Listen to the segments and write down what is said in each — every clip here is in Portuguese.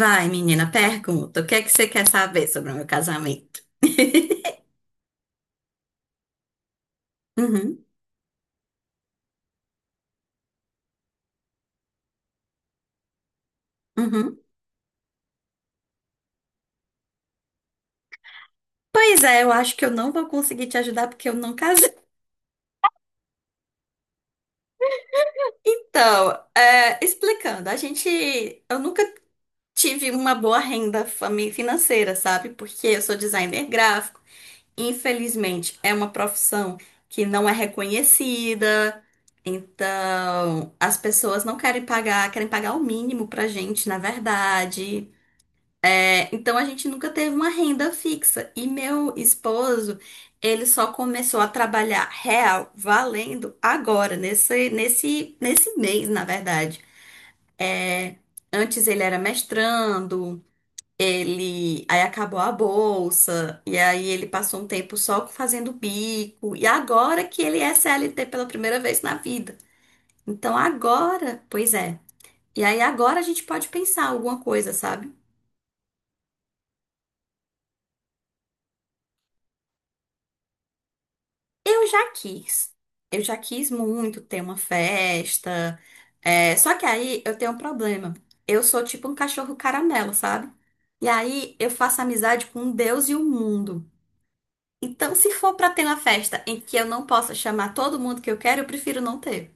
Vai, menina, pergunta. O que é que você quer saber sobre o meu casamento? Uhum, uhum. Pois é, eu acho que eu não vou conseguir te ajudar porque eu não casei. Então, explicando, a gente, eu nunca tive uma boa renda fami- financeira, sabe? Porque eu sou designer gráfico. Infelizmente, é uma profissão que não é reconhecida. Então, as pessoas não querem pagar, querem pagar o mínimo pra gente, na verdade. É, então a gente nunca teve uma renda fixa. E meu esposo, ele só começou a trabalhar real, valendo agora, nesse mês, na verdade. É, antes ele era mestrando, ele aí acabou a bolsa, e aí ele passou um tempo só fazendo bico, e agora que ele é CLT pela primeira vez na vida. Então agora, pois é. E aí agora a gente pode pensar alguma coisa, sabe? Eu já quis. Eu já quis muito ter uma festa. É, só que aí eu tenho um problema. Eu sou tipo um cachorro caramelo, sabe? E aí eu faço amizade com um Deus e o mundo. Então, se for pra ter uma festa em que eu não possa chamar todo mundo que eu quero, eu prefiro não ter.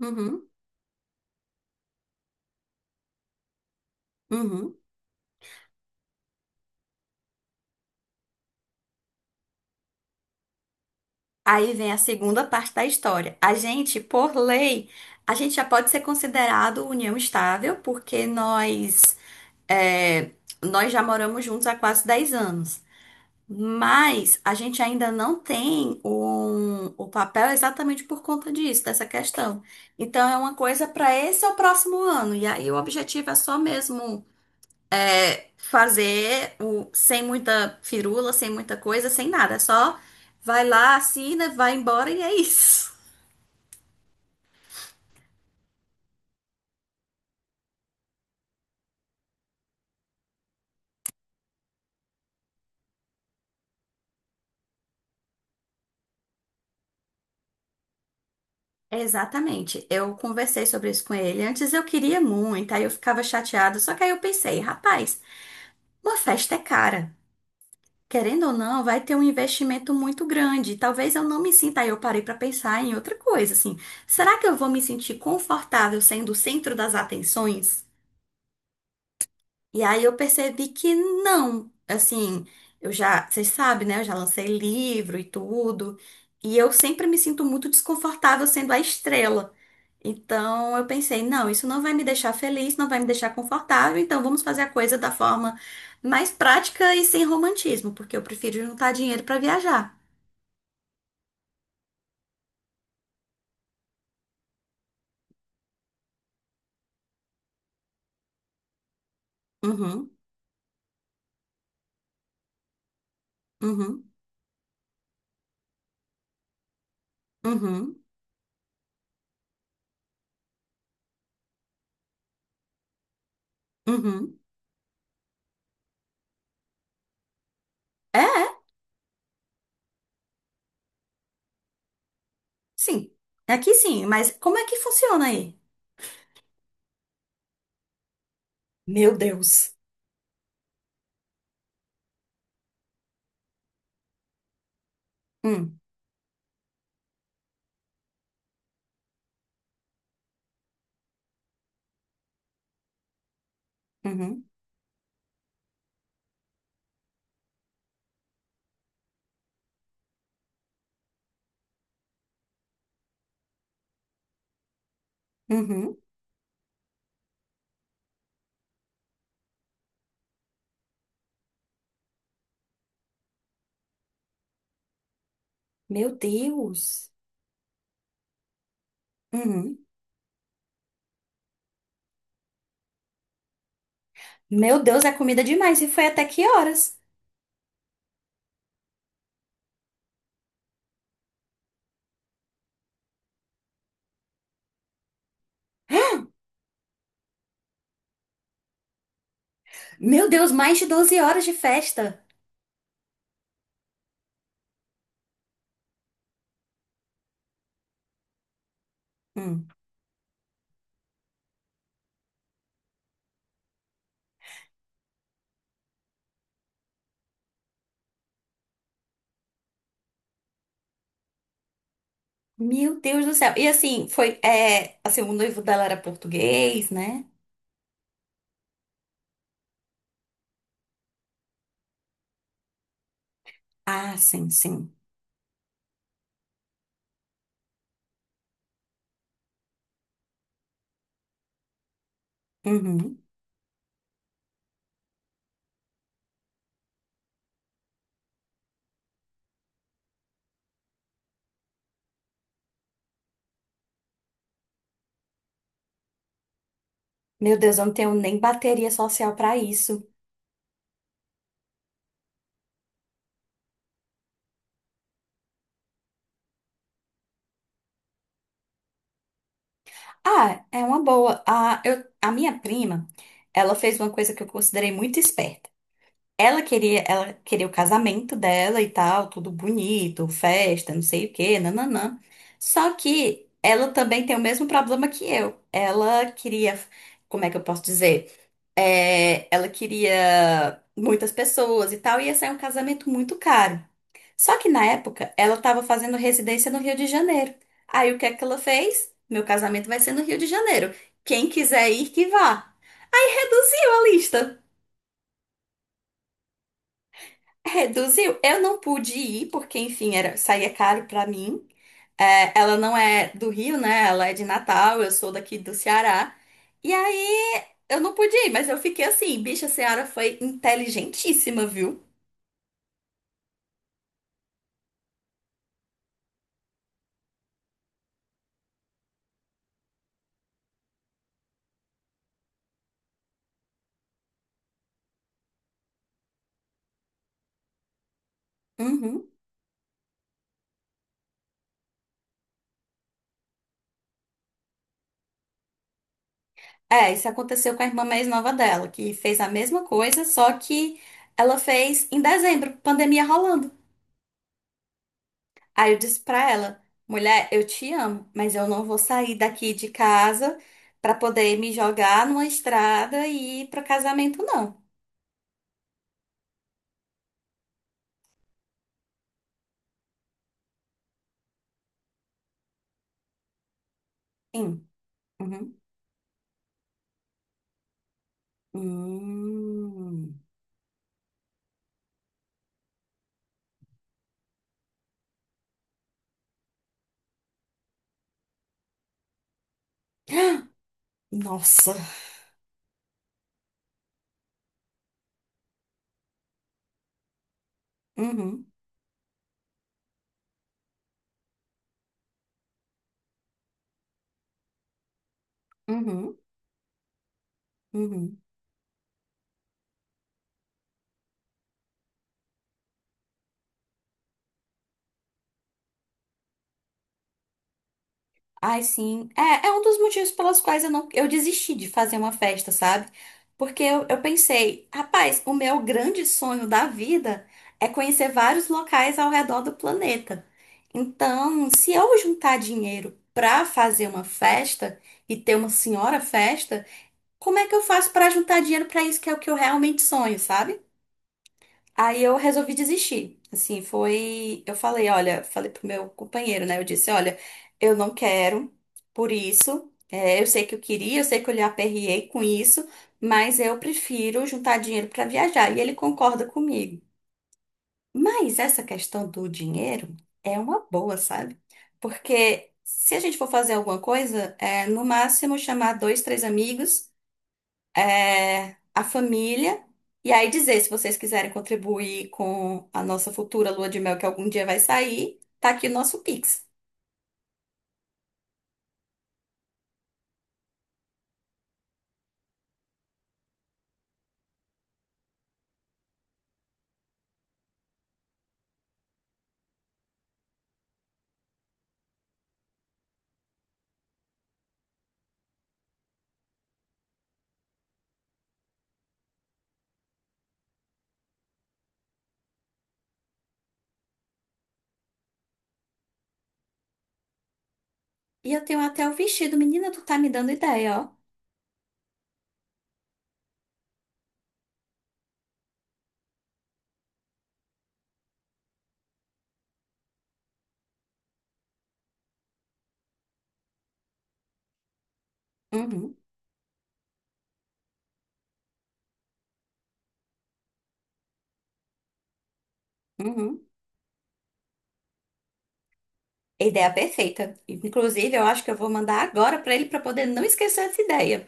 Uhum, uhum. Aí vem a segunda parte da história. A gente, por lei, a gente já pode ser considerado união estável, porque é, nós já moramos juntos há quase 10 anos. Mas a gente ainda não tem um- o papel exatamente por conta disso, dessa questão. Então é uma coisa para esse ou próximo ano. E aí o objetivo é só mesmo fazer o, sem muita firula, sem muita coisa, sem nada. É só vai lá, assina, vai embora e é isso. Exatamente. Eu conversei sobre isso com ele. Antes eu queria muito, aí eu ficava chateada. Só que aí eu pensei, rapaz, uma festa é cara. Querendo ou não, vai ter um investimento muito grande. Talvez eu não me sinta. Aí eu parei pra pensar em outra coisa, assim. Será que eu vou me sentir confortável sendo o centro das atenções? E aí eu percebi que não, assim, eu já, vocês sabem, né? Eu já lancei livro e tudo, e eu sempre me sinto muito desconfortável sendo a estrela. Então eu pensei, não, isso não vai me deixar feliz, não vai me deixar confortável, então vamos fazer a coisa da forma mais prática e sem romantismo, porque eu prefiro juntar dinheiro para viajar. Uhum, uhum, uhum, uhum. É, é, sim. Aqui sim, mas como é que funciona aí? Meu Deus. Hum, uhum, uhum. Meu Deus. Uhum. Meu Deus, é comida demais. E foi até que horas? Meu Deus, mais de 12 horas de festa. Hum. Meu Deus do céu. E assim, foi. É, assim, o noivo dela era português, né? Ah, sim, sim. Uhum. Meu Deus, eu não tenho nem bateria social pra isso. Ah, é uma boa. Ah, eu, a minha prima, ela fez uma coisa que eu considerei muito esperta. Ela queria o casamento dela e tal, tudo bonito, festa, não sei o quê, nananã. Só que ela também tem o mesmo problema que eu. Ela queria, como é que eu posso dizer? É, ela queria muitas pessoas e tal, e ia sair um casamento muito caro. Só que na época ela estava fazendo residência no Rio de Janeiro. Aí o que é que ela fez? Meu casamento vai ser no Rio de Janeiro. Quem quiser ir, que vá. Reduziu a lista. Reduziu. Eu não pude ir, porque, enfim, era, saía caro pra mim. É, ela não é do Rio, né? Ela é de Natal, eu sou daqui do Ceará. E aí, eu não pude ir, mas eu fiquei assim, bicha, a Ceara foi inteligentíssima, viu? Uhum. É, isso aconteceu com a irmã mais nova dela, que fez a mesma coisa, só que ela fez em dezembro, pandemia rolando. Aí eu disse pra ela, mulher, eu te amo, mas eu não vou sair daqui de casa pra poder me jogar numa estrada e ir pro casamento, não. Hum, uhum, hum. Nossa. Uhum, uhum, uhum. Ai, sim. É, é um dos motivos pelos quais eu não, eu desisti de fazer uma festa, sabe? Porque eu pensei, rapaz, o meu grande sonho da vida é conhecer vários locais ao redor do planeta. Então, se eu juntar dinheiro pra fazer uma festa e ter uma senhora festa, como é que eu faço pra juntar dinheiro pra isso que é o que eu realmente sonho, sabe? Aí eu resolvi desistir. Assim, foi. Eu falei, olha, falei pro meu companheiro, né? Eu disse, olha, eu não quero, por isso. É, eu sei que eu queria, eu sei que eu lhe aperriei com isso, mas eu prefiro juntar dinheiro para viajar. E ele concorda comigo. Mas essa questão do dinheiro é uma boa, sabe? Porque se a gente for fazer alguma coisa, é no máximo chamar dois, três amigos é, a família, e aí dizer se vocês quiserem contribuir com a nossa futura lua de mel que algum dia vai sair, tá aqui o nosso Pix. E eu tenho até o vestido, menina, tu tá me dando ideia, ó. Uhum, uhum. Ideia perfeita. Inclusive, eu acho que eu vou mandar agora pra ele pra poder não esquecer essa ideia.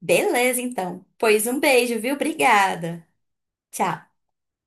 Beleza, então. Pois um beijo, viu? Obrigada. Tchau.